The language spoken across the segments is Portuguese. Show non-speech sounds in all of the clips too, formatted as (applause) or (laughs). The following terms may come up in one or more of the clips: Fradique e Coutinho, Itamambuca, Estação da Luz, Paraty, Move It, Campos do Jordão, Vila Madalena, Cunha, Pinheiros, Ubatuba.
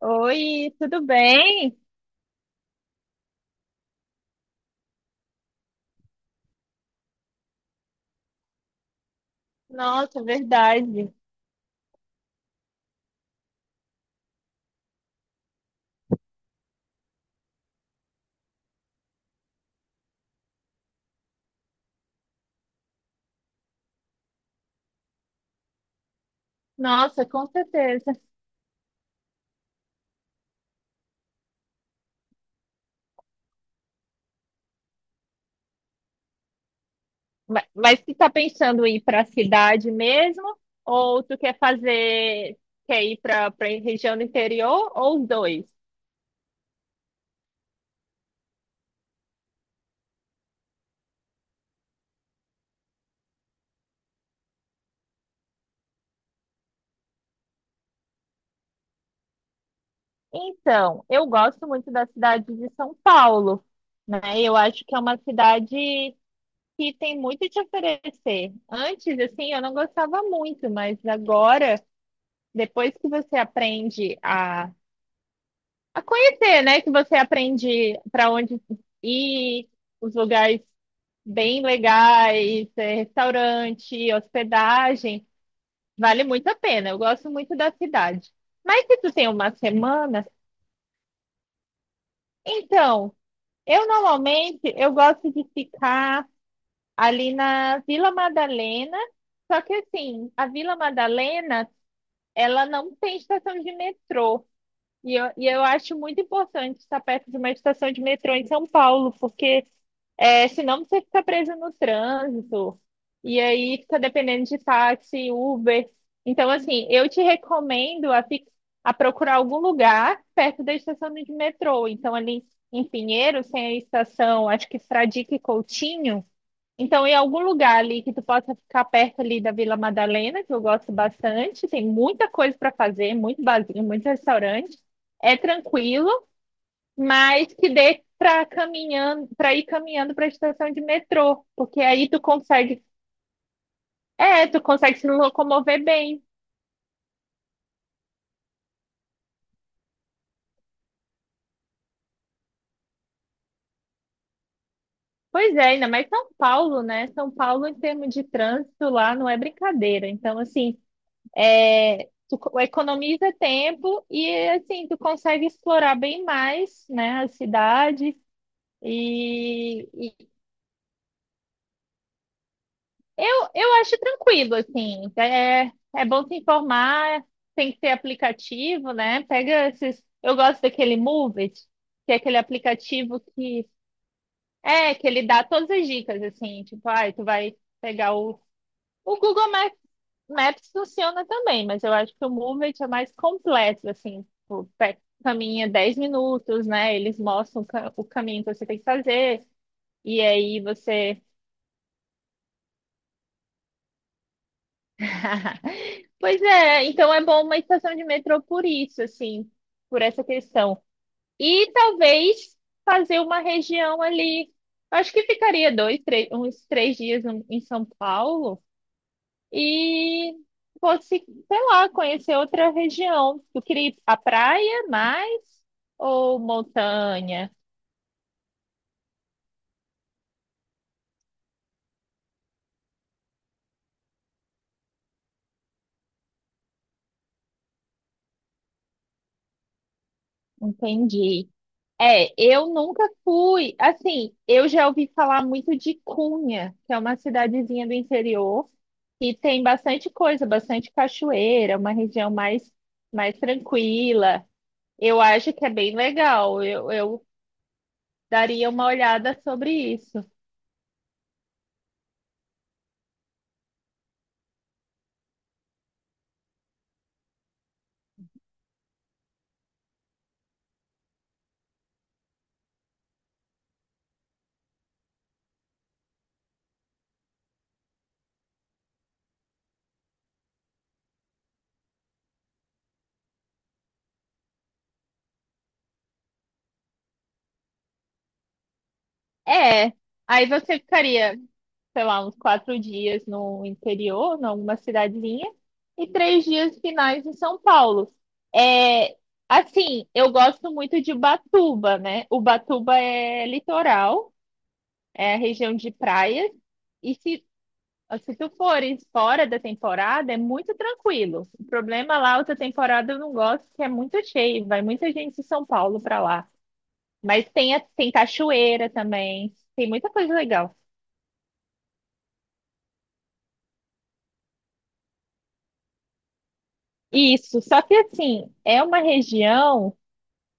Oi, tudo bem? Nossa, verdade. Nossa, com certeza. Mas tu tá pensando em ir para a cidade mesmo? Ou tu quer fazer, quer ir para região do interior ou os dois? Então, eu gosto muito da cidade de São Paulo, né? Eu acho que é uma cidade que tem muito te oferecer. Antes, assim, eu não gostava muito, mas agora, depois que você aprende a conhecer, né? Que você aprende para onde ir, os lugares bem legais, restaurante, hospedagem. Vale muito a pena. Eu gosto muito da cidade. Mas se tu tem uma semana, então, eu normalmente eu gosto de ficar ali na Vila Madalena. Só que assim, a Vila Madalena, ela não tem estação de metrô. E eu acho muito importante estar perto de uma estação de metrô em São Paulo, porque senão você fica preso no trânsito, e aí fica dependendo de táxi, Uber. Então, assim, eu te recomendo a procurar algum lugar perto da estação de metrô. Então, ali em Pinheiros tem a estação, acho que Fradique e Coutinho. Então, em algum lugar ali que tu possa ficar perto ali da Vila Madalena, que eu gosto bastante, tem muita coisa para fazer, muito barzinho, muito restaurante é tranquilo, mas que dê para caminhando, para ir caminhando para a estação de metrô, porque aí tu consegue se locomover bem. Pois é, ainda mais São Paulo, né? São Paulo, em termos de trânsito lá, não é brincadeira. Então, assim, tu economiza tempo e, assim, tu consegue explorar bem mais, né, a cidade. E, eu acho tranquilo, assim. É, é bom se informar, tem que ter aplicativo, né? Pega esses. Eu gosto daquele Move It, que é aquele aplicativo que é que ele dá todas as dicas, assim, tipo, ai, tu vai pegar o. O Google Maps funciona também, mas eu acho que o Move It é mais completo, assim, tipo, caminha 10 minutos, né? Eles mostram o caminho que você tem que fazer. E aí você (laughs) Pois é, então é bom uma estação de metrô por isso, assim, por essa questão. E talvez fazer uma região ali. Acho que ficaria dois, três, uns 3 dias em São Paulo e fosse, sei lá, conhecer outra região. Eu queria ir à praia mais ou montanha. Entendi. É, eu nunca fui. Assim, eu já ouvi falar muito de Cunha, que é uma cidadezinha do interior, e tem bastante coisa, bastante cachoeira, uma região mais, mais tranquila. Eu acho que é bem legal. Eu daria uma olhada sobre isso. É, aí você ficaria, sei lá, uns 4 dias no interior, numa cidadezinha, e 3 dias finais em São Paulo. É, assim, eu gosto muito de Ubatuba, né? Ubatuba é litoral, é a região de praias, e se tu fores fora da temporada, é muito tranquilo. O problema lá, outra temporada eu não gosto, que é muito cheio, vai muita gente de São Paulo para lá. Mas tem, tem cachoeira também, tem muita coisa legal. Isso, só que assim, é uma região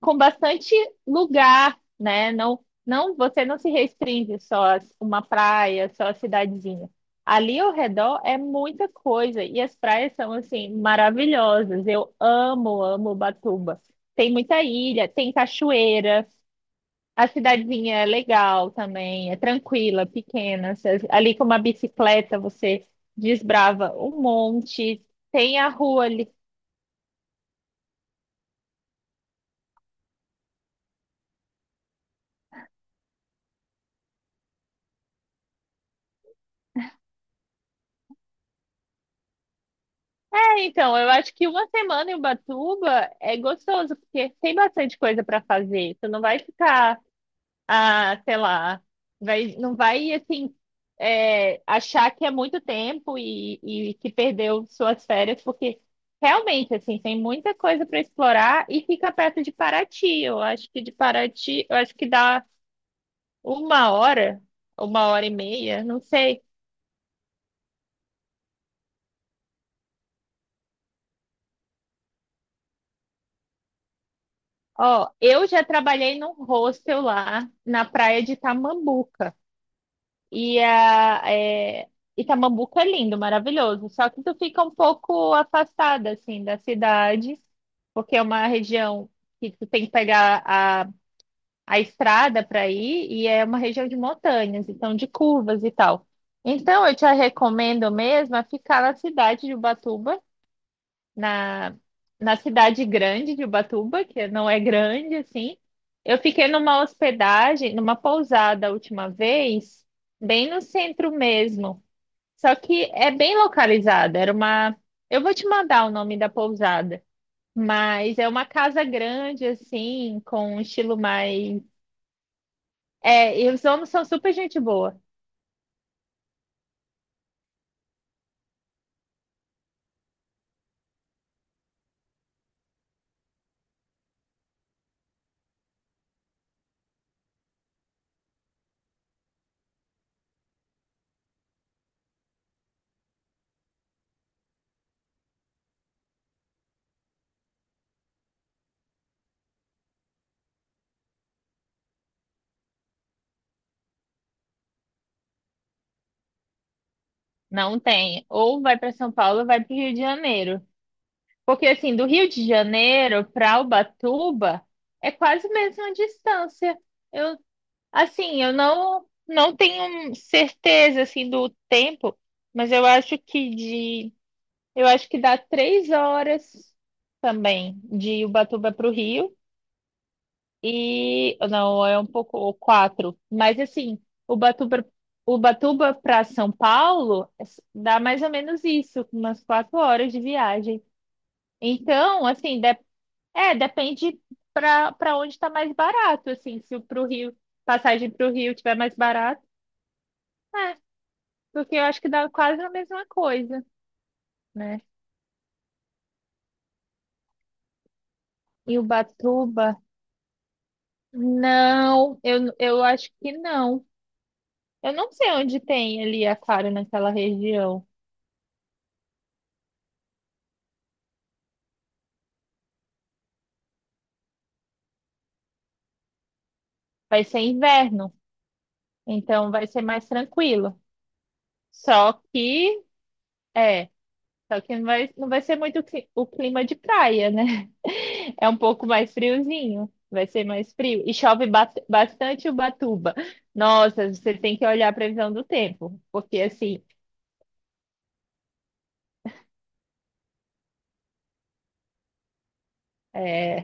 com bastante lugar, né? Não, não, você não se restringe só a uma praia, só a cidadezinha. Ali ao redor é muita coisa e as praias são assim maravilhosas. Eu amo, amo Ubatuba. Tem muita ilha, tem cachoeira. A cidadezinha é legal também, é tranquila, pequena. Você- Ali com uma bicicleta você desbrava um monte. Tem a rua ali. É, então, eu acho que uma semana em Ubatuba é gostoso, porque tem bastante coisa para fazer. Tu não vai ficar, ah, sei lá, vai, não vai assim é, achar que é muito tempo e que perdeu suas férias, porque realmente assim tem muita coisa para explorar e fica perto de Paraty. Eu acho que de Paraty, eu acho que dá uma hora, uma hora e meia, não sei. Ó, eu já trabalhei num hostel lá na praia de Tamambuca. E a, é, Itamambuca é lindo, maravilhoso. Só que tu fica um pouco afastada, assim, da cidade, porque é uma região que tu tem que pegar a estrada para ir, e é uma região de montanhas, então de curvas e tal. Então, eu te recomendo mesmo a ficar na cidade de Ubatuba, na, na cidade grande de Ubatuba, que não é grande assim. Eu fiquei numa hospedagem, numa pousada a última vez, bem no centro mesmo. Só que é bem localizada, era uma. Eu vou te mandar o nome da pousada, mas é uma casa grande, assim, com um estilo mais. É, e os homens são super gente boa. Não tem. Ou vai para São Paulo, ou vai para o Rio de Janeiro. Porque assim, do Rio de Janeiro para Ubatuba é quase a mesma distância. Eu, assim, eu não tenho certeza assim do tempo, mas eu acho que de eu acho que dá 3 horas também de Ubatuba para o Rio e não é um pouco ou quatro, mas assim Ubatuba Ubatuba para São Paulo dá mais ou menos isso, umas 4 horas de viagem. Então, assim, é, depende para onde está mais barato, assim, se o pro Rio, passagem para o Rio tiver mais barato, é, porque eu acho que dá quase a mesma coisa, né? E Ubatuba, não, eu acho que não. Eu não sei onde tem ali a Clara naquela região. Vai ser inverno, então vai ser mais tranquilo. Só que, é, só que não vai ser muito cli- o clima de praia, né? É um pouco mais friozinho, vai ser mais frio. E chove bastante Ubatuba. Nossa, você tem que olhar a previsão do tempo, porque assim, é...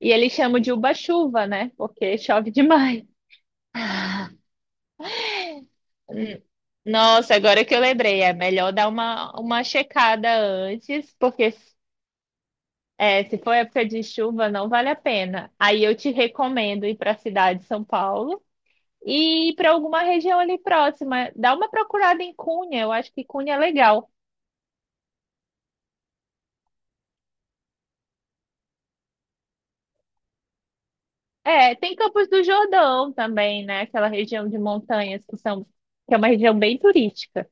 e eles chamam de Uba-chuva, né? Porque chove demais. Ah, hum. Nossa, agora que eu lembrei, é melhor dar uma checada antes, porque é, se for época de chuva, não vale a pena. Aí eu te recomendo ir para a cidade de São Paulo, e ir para alguma região ali próxima. Dá uma procurada em Cunha, eu acho que Cunha é legal. É, tem Campos do Jordão também, né? Aquela região de montanhas que são, que é uma região bem turística.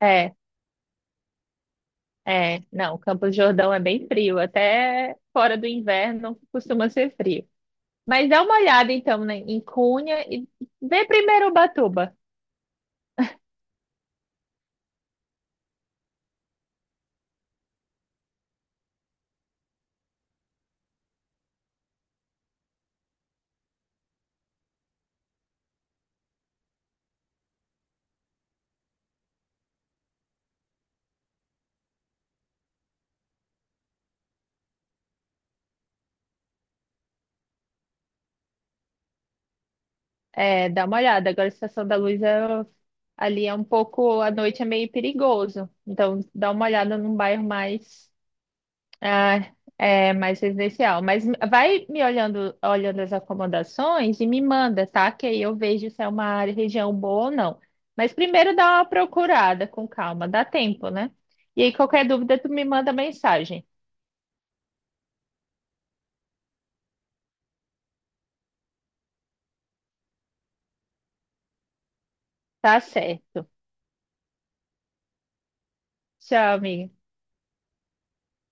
É, é, não, Campos do Jordão é bem frio, até fora do inverno costuma ser frio. Mas dá uma olhada então, né, em Cunha e vê primeiro Ubatuba. É, dá uma olhada. Agora a Estação da Luz é- ali é um pouco, à noite é meio perigoso. Então dá uma olhada num bairro mais. Ah, é mais residencial. Mas vai me olhando, olhando as acomodações e me manda, tá? Que aí eu vejo se é uma área, região boa ou não. Mas primeiro dá uma procurada com calma, dá tempo, né? E aí qualquer dúvida tu me manda mensagem. Tá certo. Tchau, amiga.